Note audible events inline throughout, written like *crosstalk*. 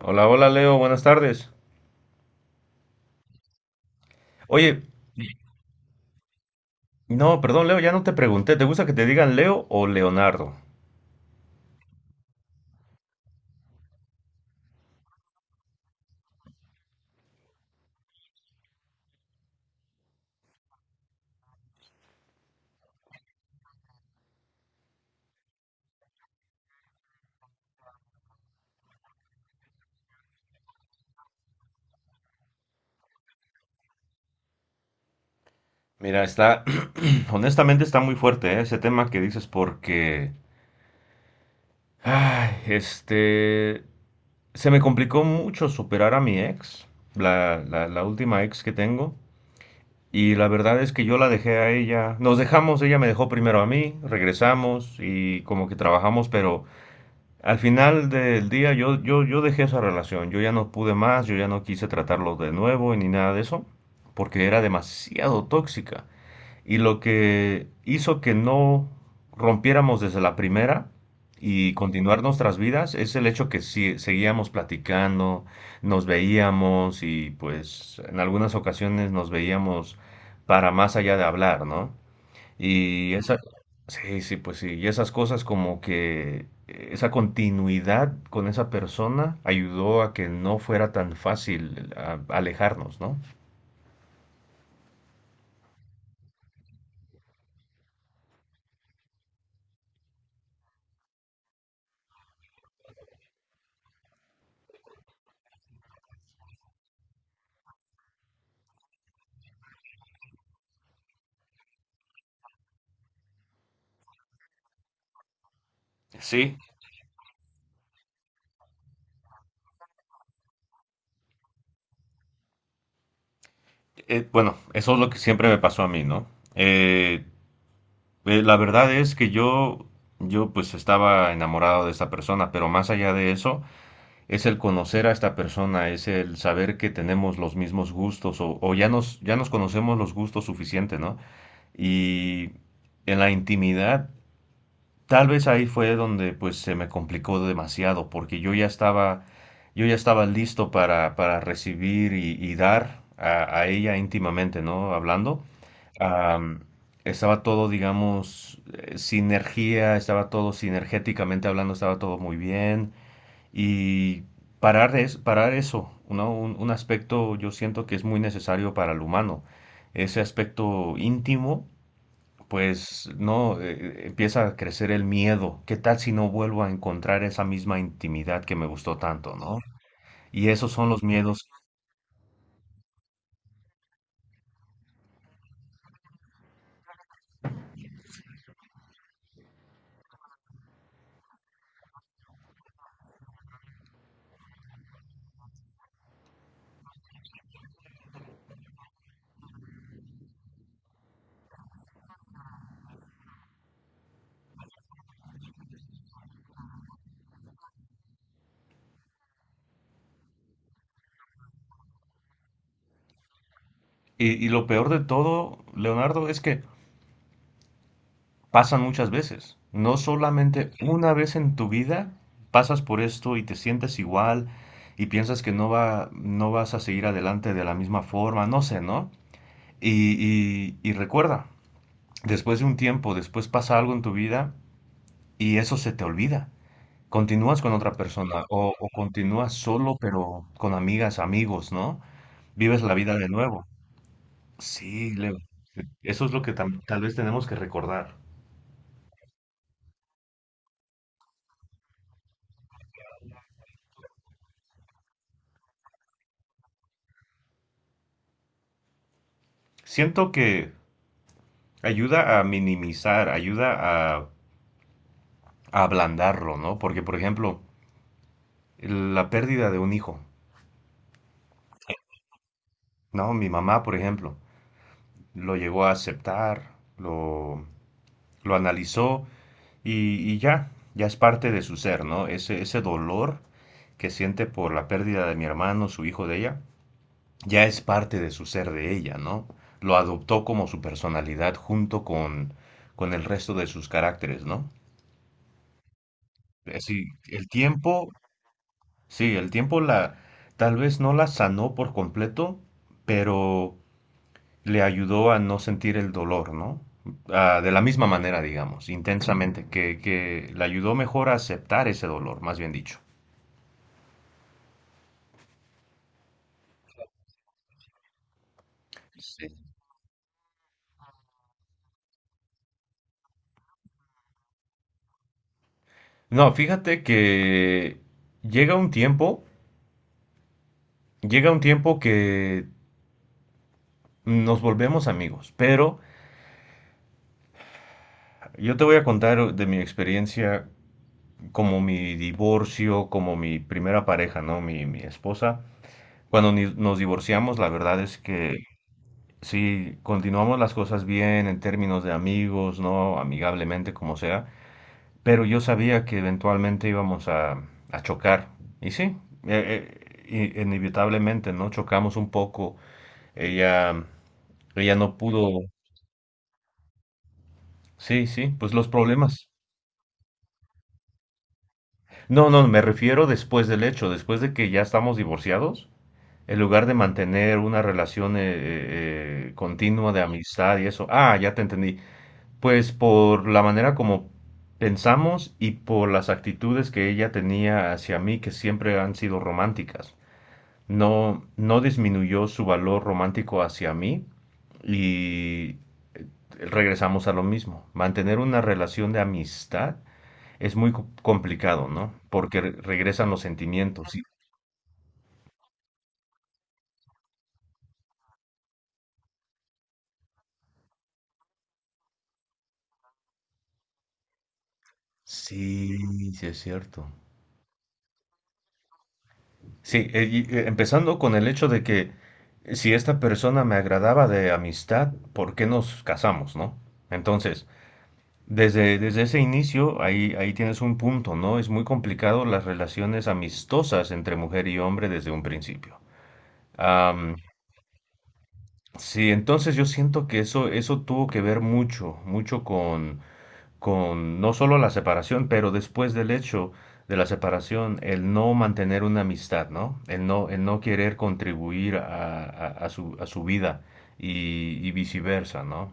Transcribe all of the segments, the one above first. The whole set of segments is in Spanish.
Hola, hola Leo, buenas tardes. Oye, no, perdón Leo, ya no te pregunté, ¿te gusta que te digan Leo o Leonardo? Mira, está, *clears throat* honestamente está muy fuerte, ¿eh? Ese tema que dices porque, ay, se me complicó mucho superar a mi ex, la última ex que tengo, y la verdad es que yo la dejé a ella, nos dejamos, ella me dejó primero a mí, regresamos y como que trabajamos, pero... Al final del día yo dejé esa relación, yo ya no pude más, yo ya no quise tratarlo de nuevo ni nada de eso, porque era demasiado tóxica. Y lo que hizo que no rompiéramos desde la primera y continuar nuestras vidas es el hecho que sí, seguíamos platicando, nos veíamos y pues en algunas ocasiones nos veíamos para más allá de hablar, ¿no? Y esa, sí, sí, pues sí, y esas cosas como que esa continuidad con esa persona ayudó a que no fuera tan fácil alejarnos, ¿no? Sí, bueno, eso es lo que siempre me pasó a mí, ¿no? Eh, la verdad es que yo pues estaba enamorado de esta persona, pero más allá de eso, es el conocer a esta persona, es el saber que tenemos los mismos gustos o ya nos conocemos los gustos suficiente, ¿no? Y en la intimidad, tal vez ahí fue donde pues se me complicó demasiado, porque yo ya estaba listo para recibir y dar a ella íntimamente, ¿no? Hablando. Am, estaba todo, digamos, sinergia, estaba todo sinergéticamente hablando, estaba todo muy bien. Y parar, es, parar eso, un aspecto yo siento que es muy necesario para el humano. Ese aspecto íntimo, pues no, empieza a crecer el miedo. ¿Qué tal si no vuelvo a encontrar esa misma intimidad que me gustó tanto, ¿no? Y esos son los miedos. Y lo peor de todo, Leonardo, es que pasan muchas veces. No solamente una vez en tu vida pasas por esto y te sientes igual y piensas que no va, no vas a seguir adelante de la misma forma, no sé, ¿no? Y recuerda, después de un tiempo, después pasa algo en tu vida y eso se te olvida. Continúas con otra persona o continúas solo pero con amigas, amigos, ¿no? Vives la vida de nuevo. Sí, Leo. Eso es lo que tal vez tenemos que recordar. Siento que ayuda a minimizar, ayuda a ablandarlo, ¿no? Porque, por ejemplo, la pérdida de un hijo, ¿no? Mi mamá, por ejemplo, lo llegó a aceptar, lo analizó y ya, ya es parte de su ser, ¿no? Ese dolor que siente por la pérdida de mi hermano, su hijo de ella, ya es parte de su ser de ella, ¿no? Lo adoptó como su personalidad junto con el resto de sus caracteres, ¿no? Es decir, el tiempo, sí, el tiempo la tal vez no la sanó por completo, pero le ayudó a no sentir el dolor, ¿no? Ah, de la misma manera, digamos, intensamente, que le ayudó mejor a aceptar ese dolor, más bien dicho. Sí. No, fíjate que llega un tiempo, llega un tiempo que nos volvemos amigos, pero yo te voy a contar de mi experiencia como mi divorcio, como mi primera pareja, ¿no? Mi esposa. Cuando nos divorciamos, la verdad es que sí, continuamos las cosas bien en términos de amigos, ¿no? Amigablemente, como sea, pero yo sabía que eventualmente íbamos a chocar. Y sí, eh, inevitablemente, ¿no? Chocamos un poco. Ella, ella no pudo. Sí, sí, pues los problemas. No, no, me refiero después del hecho, después de que ya estamos divorciados, en lugar de mantener una relación continua de amistad y eso. Ah, ya te entendí. Pues por la manera como pensamos y por las actitudes que ella tenía hacia mí que siempre han sido románticas. No, no disminuyó su valor romántico hacia mí y regresamos a lo mismo. Mantener una relación de amistad es muy complicado, ¿no? Porque regresan los sentimientos. Sí, sí, sí es cierto. Sí, y, empezando con el hecho de que si esta persona me agradaba de amistad, ¿por qué nos casamos, no? Entonces, desde ese inicio, ahí tienes un punto, ¿no? Es muy complicado las relaciones amistosas entre mujer y hombre desde un principio. Am, sí, entonces yo siento que eso tuvo que ver mucho, mucho con no solo la separación, pero después del hecho de la separación, el no mantener una amistad, ¿no? El no, el no querer contribuir a, a su vida y viceversa, ¿no?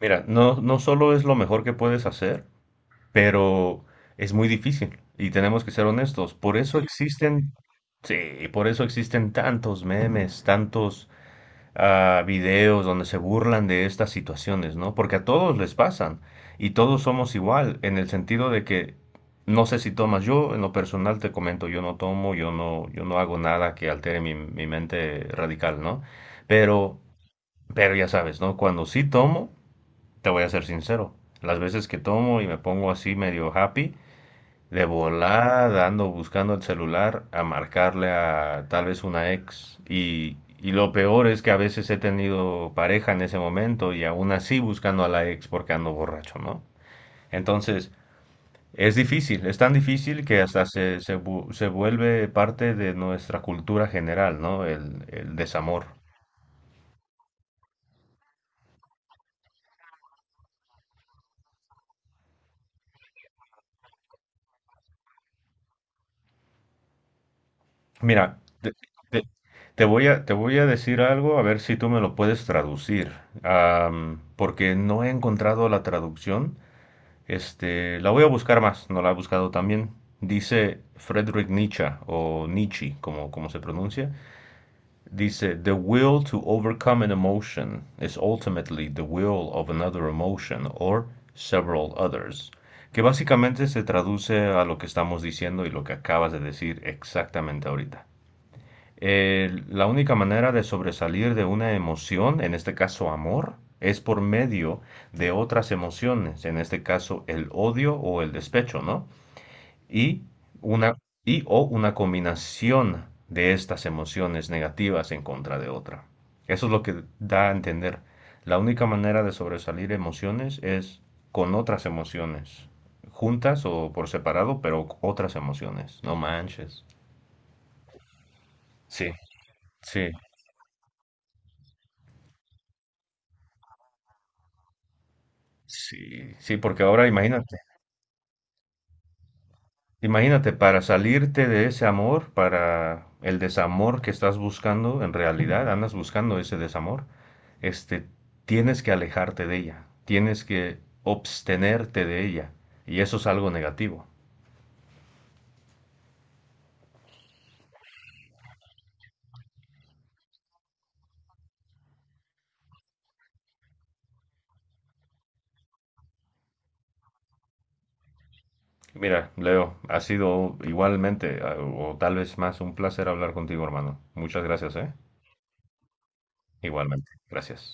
Mira, no, no solo es lo mejor que puedes hacer, pero es muy difícil y tenemos que ser honestos. Por eso existen, sí, por eso existen tantos memes, tantos a videos donde se burlan de estas situaciones, ¿no? Porque a todos les pasan y todos somos igual en el sentido de que no sé si tomas, yo en lo personal te comento, yo no tomo, yo no, yo no hago nada que altere mi, mi mente radical, ¿no? Pero, pero ya sabes, ¿no? Cuando sí tomo, te voy a ser sincero, las veces que tomo y me pongo así medio happy, de volada ando buscando el celular a marcarle a tal vez una ex. Y lo peor es que a veces he tenido pareja en ese momento y aún así buscando a la ex porque ando borracho, ¿no? Entonces, es difícil, es tan difícil que hasta se, se, se vuelve parte de nuestra cultura general, ¿no? El desamor. Mira, te- te voy a decir algo a ver si tú me lo puedes traducir, porque no he encontrado la traducción. Este, la voy a buscar más, no la he buscado también. Dice Friedrich Nietzsche, o Nietzsche, como, como se pronuncia. Dice, "The will to overcome an emotion is ultimately the will of another emotion or several others." Que básicamente se traduce a lo que estamos diciendo y lo que acabas de decir exactamente ahorita. La única manera de sobresalir de una emoción, en este caso amor, es por medio de otras emociones, en este caso el odio o el despecho, ¿no? Y una, y o una combinación de estas emociones negativas en contra de otra. Eso es lo que da a entender. La única manera de sobresalir emociones es con otras emociones, juntas o por separado, pero otras emociones. No manches. Sí, sí. Sí, sí, porque ahora imagínate, imagínate, para salirte de ese amor, para el desamor que estás buscando, en realidad andas buscando ese desamor, este, tienes que alejarte de ella, tienes que abstenerte de ella, y eso es algo negativo. Mira, Leo, ha sido igualmente, a- o tal vez más, un placer hablar contigo, hermano. Muchas gracias, ¿eh? Igualmente, gracias.